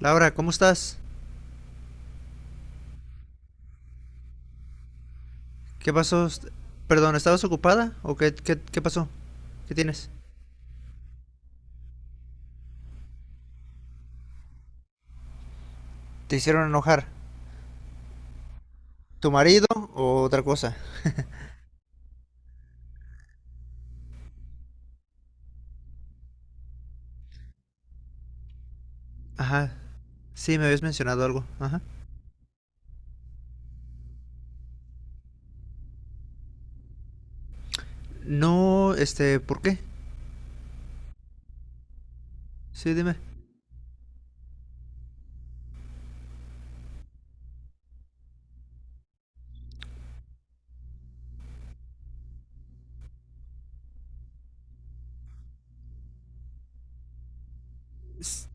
Laura, ¿cómo estás? ¿Qué pasó? Perdón, ¿estabas ocupada? ¿O qué pasó? ¿Qué tienes? ¿Te hicieron enojar? ¿Tu marido o otra cosa? Ajá, sí, me habías mencionado algo. Ajá. No, este, ¿por qué? Sí, dime. S-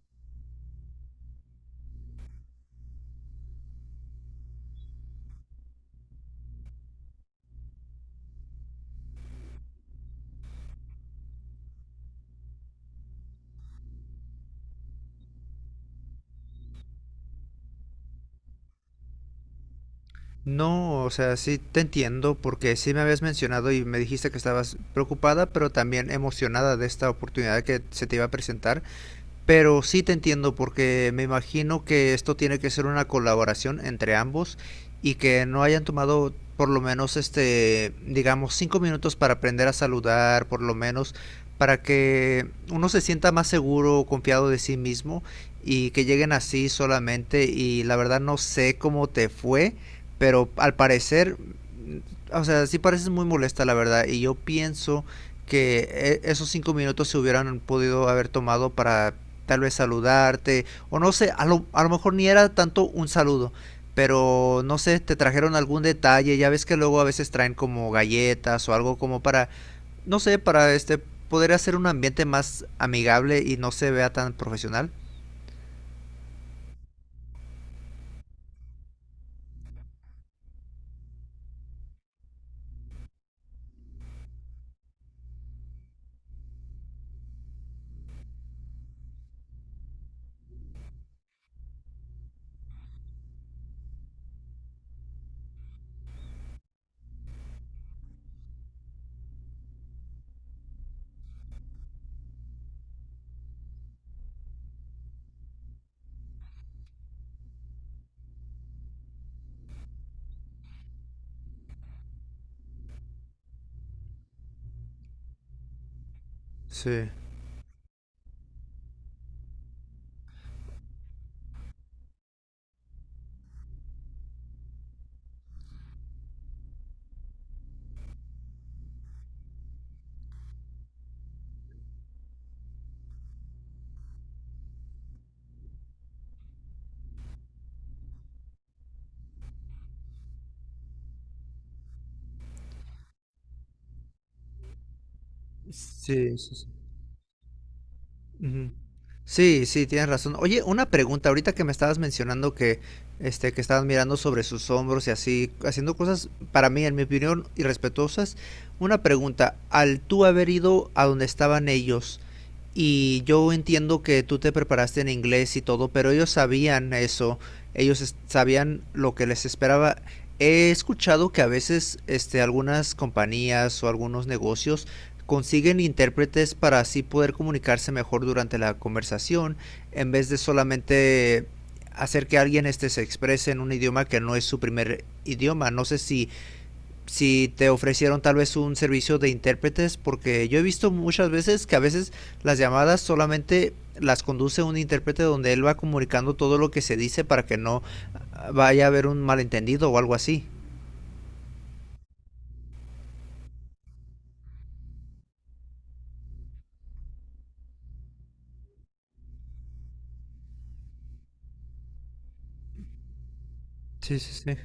No, o sea, sí te entiendo porque sí me habías mencionado y me dijiste que estabas preocupada, pero también emocionada de esta oportunidad que se te iba a presentar. Pero sí te entiendo porque me imagino que esto tiene que ser una colaboración entre ambos y que no hayan tomado por lo menos este, digamos, 5 minutos para aprender a saludar, por lo menos para que uno se sienta más seguro, confiado de sí mismo y que lleguen así solamente y la verdad no sé cómo te fue, pero al parecer, o sea, sí pareces muy molesta la verdad y yo pienso que esos 5 minutos se hubieran podido haber tomado para tal vez saludarte, o no sé, a lo mejor ni era tanto un saludo, pero no sé, te trajeron algún detalle, ya ves que luego a veces traen como galletas o algo como para, no sé, para este poder hacer un ambiente más amigable y no se vea tan profesional. Sí. Sí, sí, sí. Ujú. Sí, sí, tienes razón. Oye, una pregunta, ahorita que me estabas mencionando que, este, que estabas mirando sobre sus hombros y así, haciendo cosas, para mí, en mi opinión, irrespetuosas. Una pregunta, al tú haber ido a donde estaban ellos, y yo entiendo que tú te preparaste en inglés y todo, pero ellos sabían eso, ellos sabían lo que les esperaba. He escuchado que a veces este, algunas compañías o algunos negocios consiguen intérpretes para así poder comunicarse mejor durante la conversación, en vez de solamente hacer que alguien este, se exprese en un idioma que no es su primer idioma. No sé si te ofrecieron tal vez un servicio de intérpretes, porque yo he visto muchas veces que a veces las llamadas solamente las conduce un intérprete donde él va comunicando todo lo que se dice para que no vaya a haber un malentendido o algo así. Sí, sí, sí.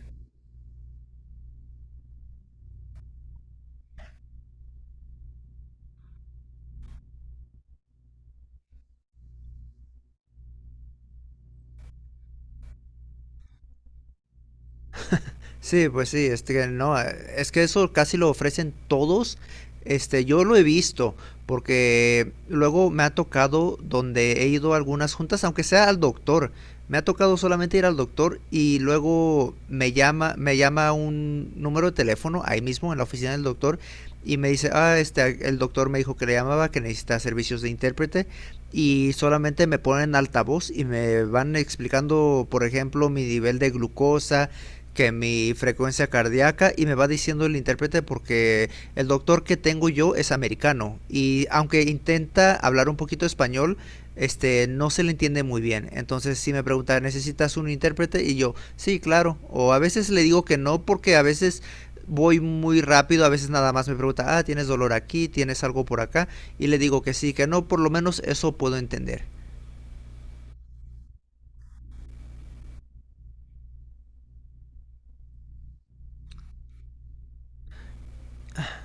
Sí, pues sí, es que no, es que eso casi lo ofrecen todos. Este, yo lo he visto, porque luego me ha tocado donde he ido a algunas juntas, aunque sea al doctor. Me ha tocado solamente ir al doctor y luego me llama un número de teléfono ahí mismo en la oficina del doctor y me dice, ah, este, el doctor me dijo que le llamaba, que necesita servicios de intérprete y solamente me ponen altavoz y me van explicando, por ejemplo, mi nivel de glucosa, que mi frecuencia cardíaca y me va diciendo el intérprete porque el doctor que tengo yo es americano y aunque intenta hablar un poquito español, este no se le entiende muy bien. Entonces si me pregunta, ¿necesitas un intérprete? Y yo, sí, claro. O a veces le digo que no porque a veces voy muy rápido, a veces nada más me pregunta, ah, ¿tienes dolor aquí? ¿Tienes algo por acá? Y le digo que sí, que no, por lo menos eso puedo entender.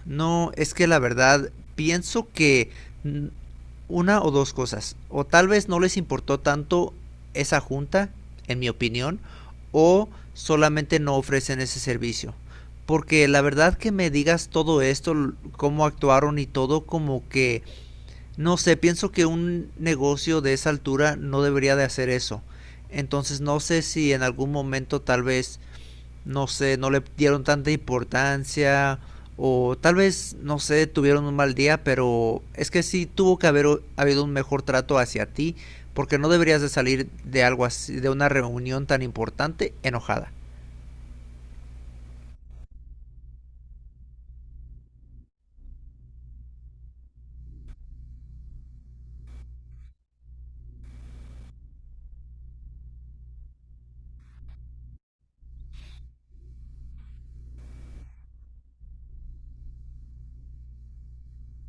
No, es que la verdad pienso que una o dos cosas. O tal vez no les importó tanto esa junta, en mi opinión, o solamente no ofrecen ese servicio. Porque la verdad que me digas todo esto, cómo actuaron y todo, como que, no sé, pienso que un negocio de esa altura no debería de hacer eso. Entonces no sé si en algún momento tal vez no sé, no le dieron tanta importancia o tal vez, no sé, tuvieron un mal día, pero es que sí tuvo que haber habido un mejor trato hacia ti, porque no deberías de salir de algo así, de una reunión tan importante enojada.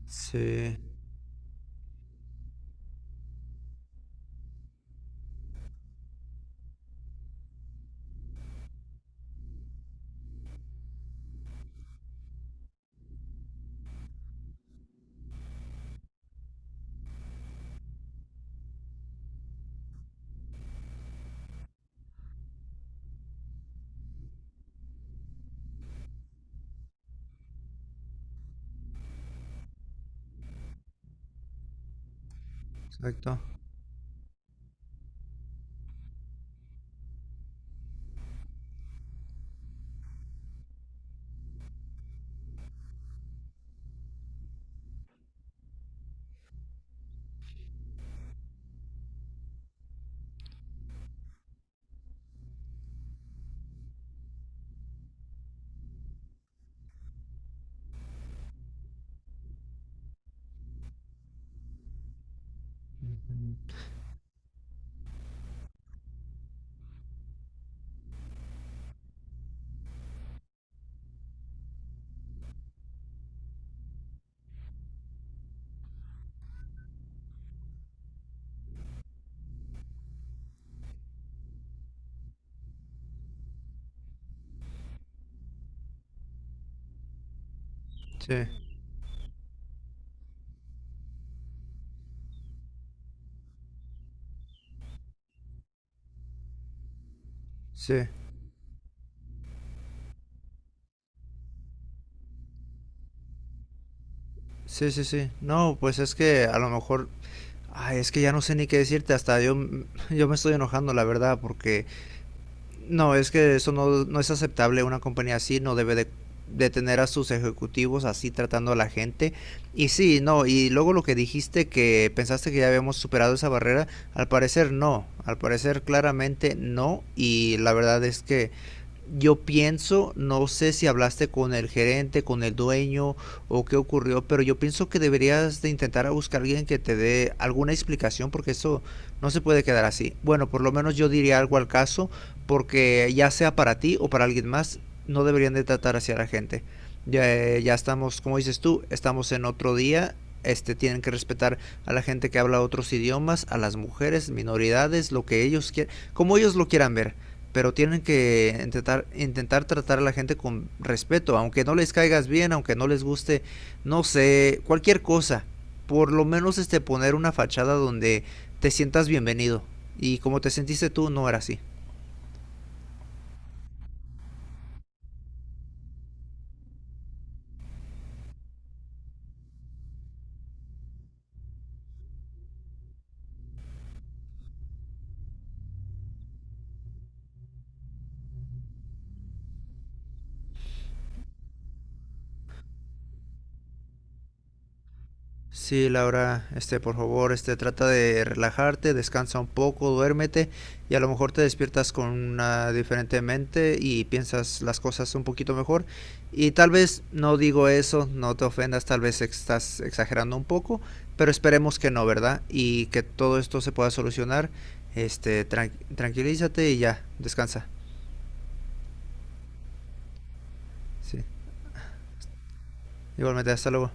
Sí, exacto. Ujú. Sí, sí, sí, sí, sí. No, pues es que a lo mejor, ay, es que ya no sé ni qué decirte, hasta yo, yo me estoy enojando, la verdad, porque no, es que eso no, no es aceptable. Una compañía así no debe de, tener a sus ejecutivos así tratando a la gente. Y sí, no, y luego lo que dijiste que pensaste que ya habíamos superado esa barrera, al parecer no, al parecer claramente no. Y la verdad es que yo pienso, no sé si hablaste con el gerente, con el dueño o qué ocurrió, pero yo pienso que deberías de intentar a buscar a alguien que te dé alguna explicación porque eso no se puede quedar así. Bueno, por lo menos yo diría algo al caso porque ya sea para ti o para alguien más, no deberían de tratar así a la gente. Ya, ya estamos, como dices tú, estamos en otro día. Este, tienen que respetar a la gente que habla otros idiomas, a las mujeres, minoridades, lo que ellos quieran, como ellos lo quieran ver pero tienen que intentar, intentar tratar a la gente con respeto, aunque no les caigas bien, aunque no les guste, no sé, cualquier cosa. Por lo menos este poner una fachada donde te sientas bienvenido. Y como te sentiste tú, no era así. Sí, Laura, este, por favor, este, trata de relajarte, descansa un poco, duérmete y a lo mejor te despiertas con una diferente mente y piensas las cosas un poquito mejor. Y tal vez no digo eso, no te ofendas, tal vez estás exagerando un poco, pero esperemos que no, ¿verdad? Y que todo esto se pueda solucionar. Este, tranquilízate y ya, descansa. Sí. Igualmente, hasta luego.